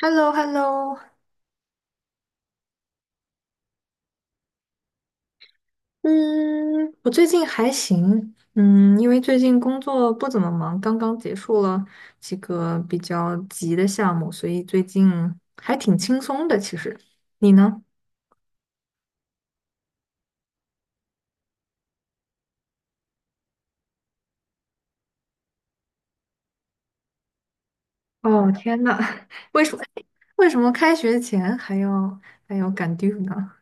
h e l l o h e l l o 嗯，我最近还行，因为最近工作不怎么忙，刚刚结束了几个比较急的项目，所以最近还挺轻松的。其实，你呢？哦，天呐，为什么开学前还要赶 due 呢？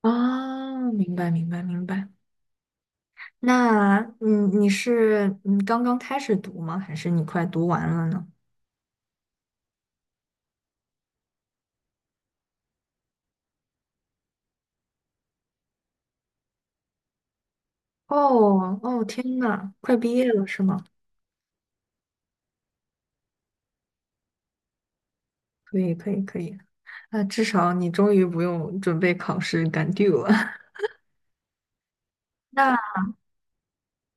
啊，明白。那你是刚刚开始读吗？还是你快读完了呢？哦，天呐，快毕业了是吗？可以，可以，可以。那至少你终于不用准备考试赶 due 了。那，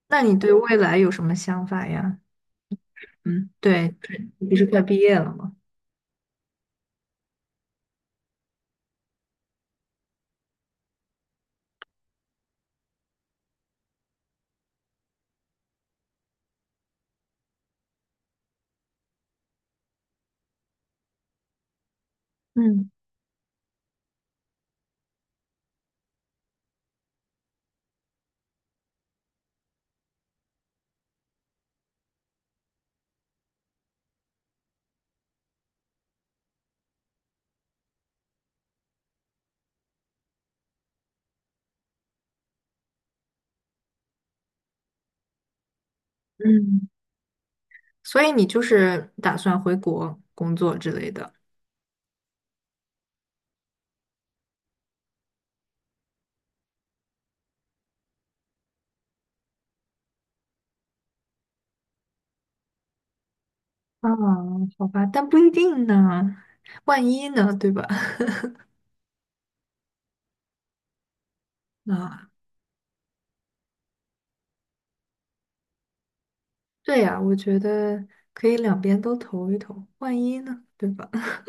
那你对未来有什么想法呀？嗯，对，你不是快毕业了吗？嗯，嗯，所以你就是打算回国工作之类的。啊，好吧，但不一定呢，万一呢，对吧？啊，对呀，我觉得可以两边都投一投，万一呢，对吧？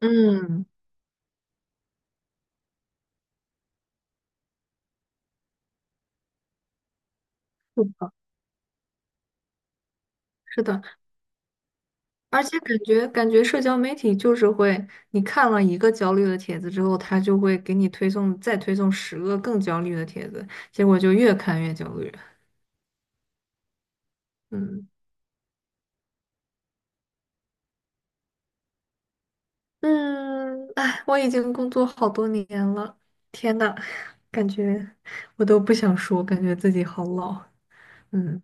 嗯，是的，是的。而且感觉社交媒体就是会，你看了一个焦虑的帖子之后，它就会给你推送再推送十个更焦虑的帖子，结果就越看越焦虑。嗯，嗯，哎，我已经工作好多年了，天呐，感觉我都不想说，感觉自己好老。嗯。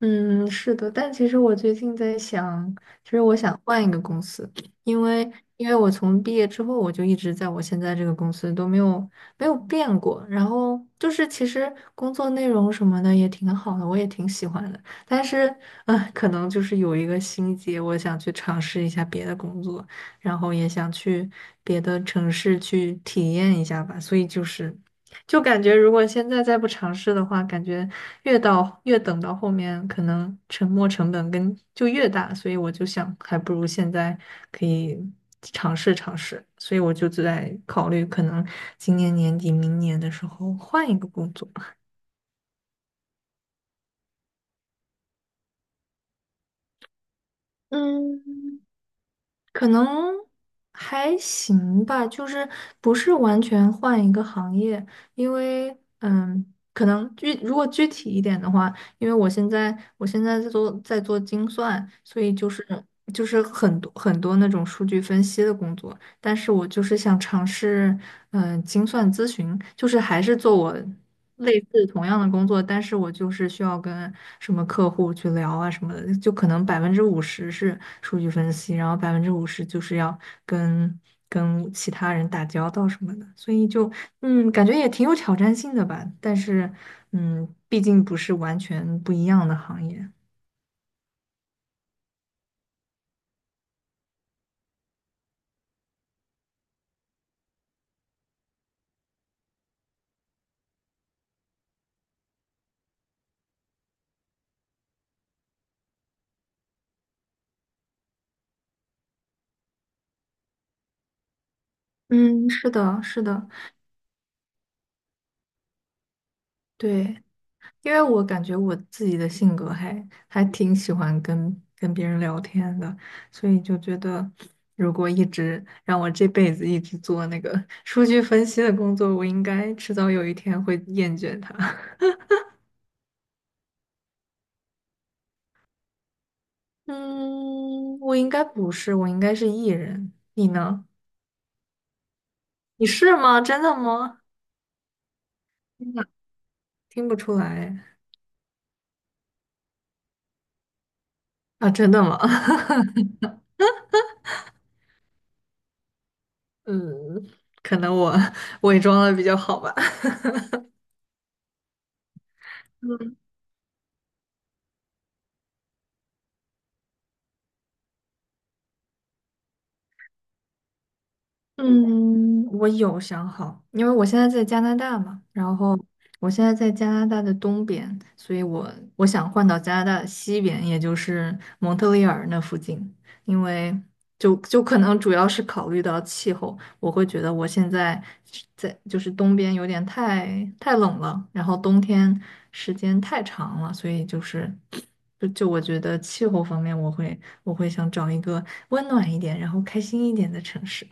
嗯，是的，但其实我最近在想，其实我想换一个公司，因为因为我从毕业之后，我就一直在我现在这个公司都没有变过，然后就是其实工作内容什么的也挺好的，我也挺喜欢的，但是可能就是有一个心结，我想去尝试一下别的工作，然后也想去别的城市去体验一下吧，所以就是。就感觉如果现在再不尝试的话，感觉越到越等到后面，可能沉没成本跟就越大，所以我就想，还不如现在可以尝试尝试，所以我就在考虑，可能今年年底、明年的时候换一个工作。嗯。可能还行吧，就是不是完全换一个行业，因为可能具如果具体一点的话，因为我现在在做精算，所以就是就是很多那种数据分析的工作，但是我就是想尝试，精算咨询，就是还是做我类似同样的工作，但是我就是需要什么客户去聊啊什么的，就可能百分之五十是数据分析，然后百分之五十就是要跟跟其他人打交道什么的，所以就感觉也挺有挑战性的吧，但是毕竟不是完全不一样的行业。嗯，是的，是的，对。因为我感觉我自己的性格还挺喜欢跟别人聊天的，所以就觉得如果一直让我这辈子一直做那个 数据分析的工作，我应该迟早有一天会厌倦它。嗯，我应该不是，我应该是艺人。你呢？你是吗？真的吗？真的听不出来啊，真的吗？嗯，可能我伪装的比较好吧。嗯，我有想好，因为我现在在加拿大嘛，然后我现在在加拿大的东边，所以我想换到加拿大的西边，也就是蒙特利尔那附近，因为就可能主要是考虑到气候，我会觉得我现在是在就是东边有点太冷了，然后冬天时间太长了，所以就是就我觉得气候方面，我会想找一个温暖一点，然后开心一点的城市。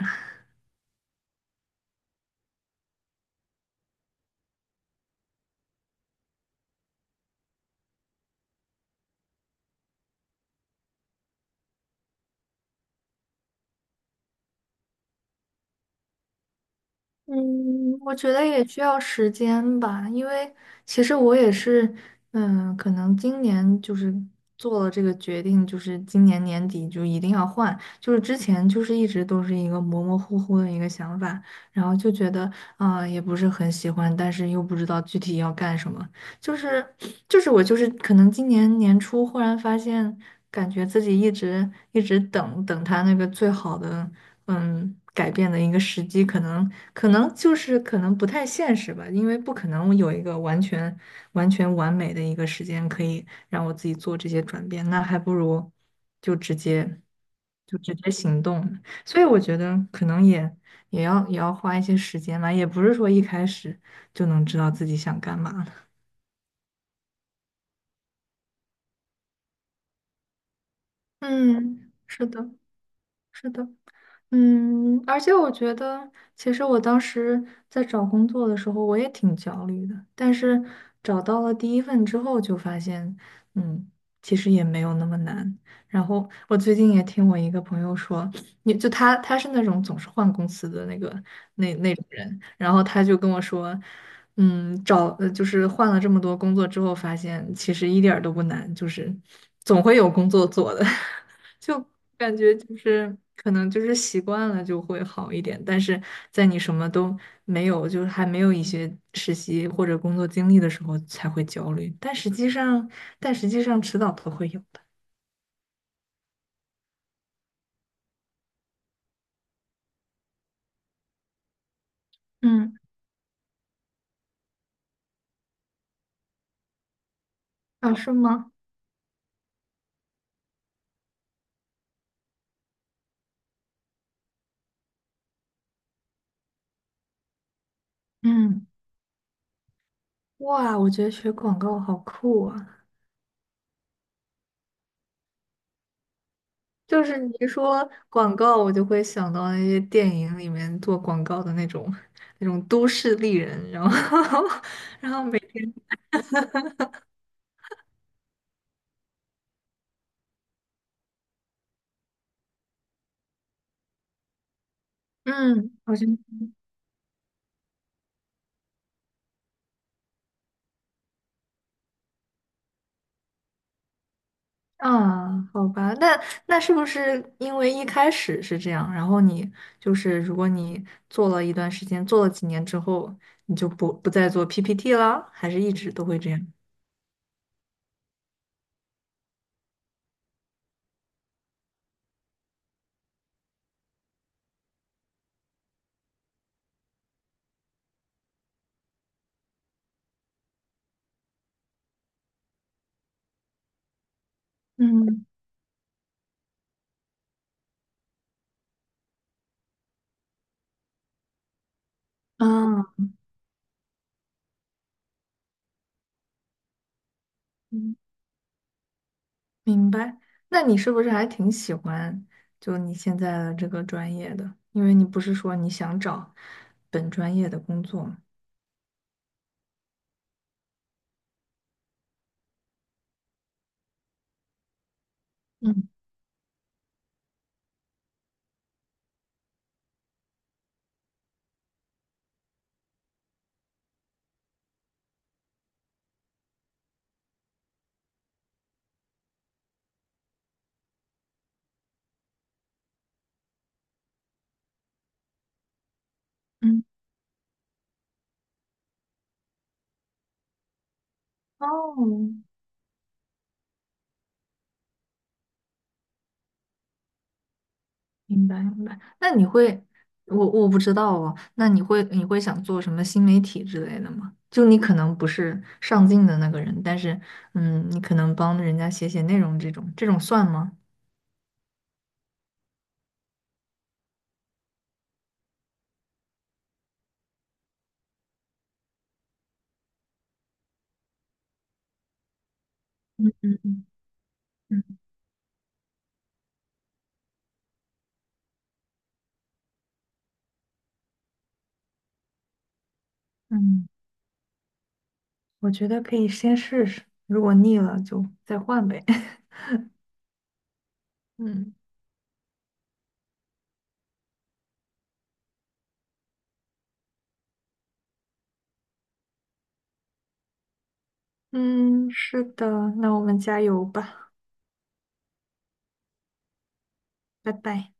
我觉得也需要时间吧，因为其实我也是，可能今年就是做了这个决定，就是今年年底就一定要换，就是之前就是一直都是一个模模糊糊的一个想法，然后就觉得啊，也不是很喜欢，但是又不知道具体要干什么，就是就是我就是可能今年年初忽然发现，感觉自己一直等他那个最好的。嗯，改变的一个时机，可能可能不太现实吧，因为不可能有一个完全完美的一个时间可以让我自己做这些转变，那还不如就直接就直接行动呢，所以我觉得可能也要花一些时间吧，也不是说一开始就能知道自己想干嘛的。嗯，是的，是的。嗯，而且我觉得，其实我当时在找工作的时候，我也挺焦虑的。但是找到了第一份之后，就发现，嗯，其实也没有那么难。然后我最近也听我一个朋友说，你就他是那种总是换公司的那那种人，然后他就跟我说，就是换了这么多工作之后，发现其实一点儿都不难，就是总会有工作做的。就感觉就是可能就是习惯了就会好一点，但是在你什么都没有，就是还没有一些实习或者工作经历的时候才会焦虑，但实际上，迟早都会有的。嗯，啊，是吗？嗯，哇，我觉得学广告好酷啊！就是你一说广告，我就会想到那些电影里面做广告的那种都市丽人，然后 嗯，好像啊，好吧，那是不是因为一开始是这样，然后就是如果你做了一段时间，做了几年之后，你就不再做 PPT 了，还是一直都会这样？嗯，啊，嗯，明白。那你是不是还挺喜欢就你现在的这个专业的？因为你不是说你想找本专业的工作吗？嗯，嗯，哦，明白。那你会，我不知道哦。那你会想做什么新媒体之类的吗？就你可能不是上镜的那个人，但是你可能帮人家写写内容这种，这种算吗？嗯，嗯，嗯，嗯，嗯，我觉得可以先试试，如果腻了就再换呗。嗯，嗯，是的，那我们加油吧，拜拜。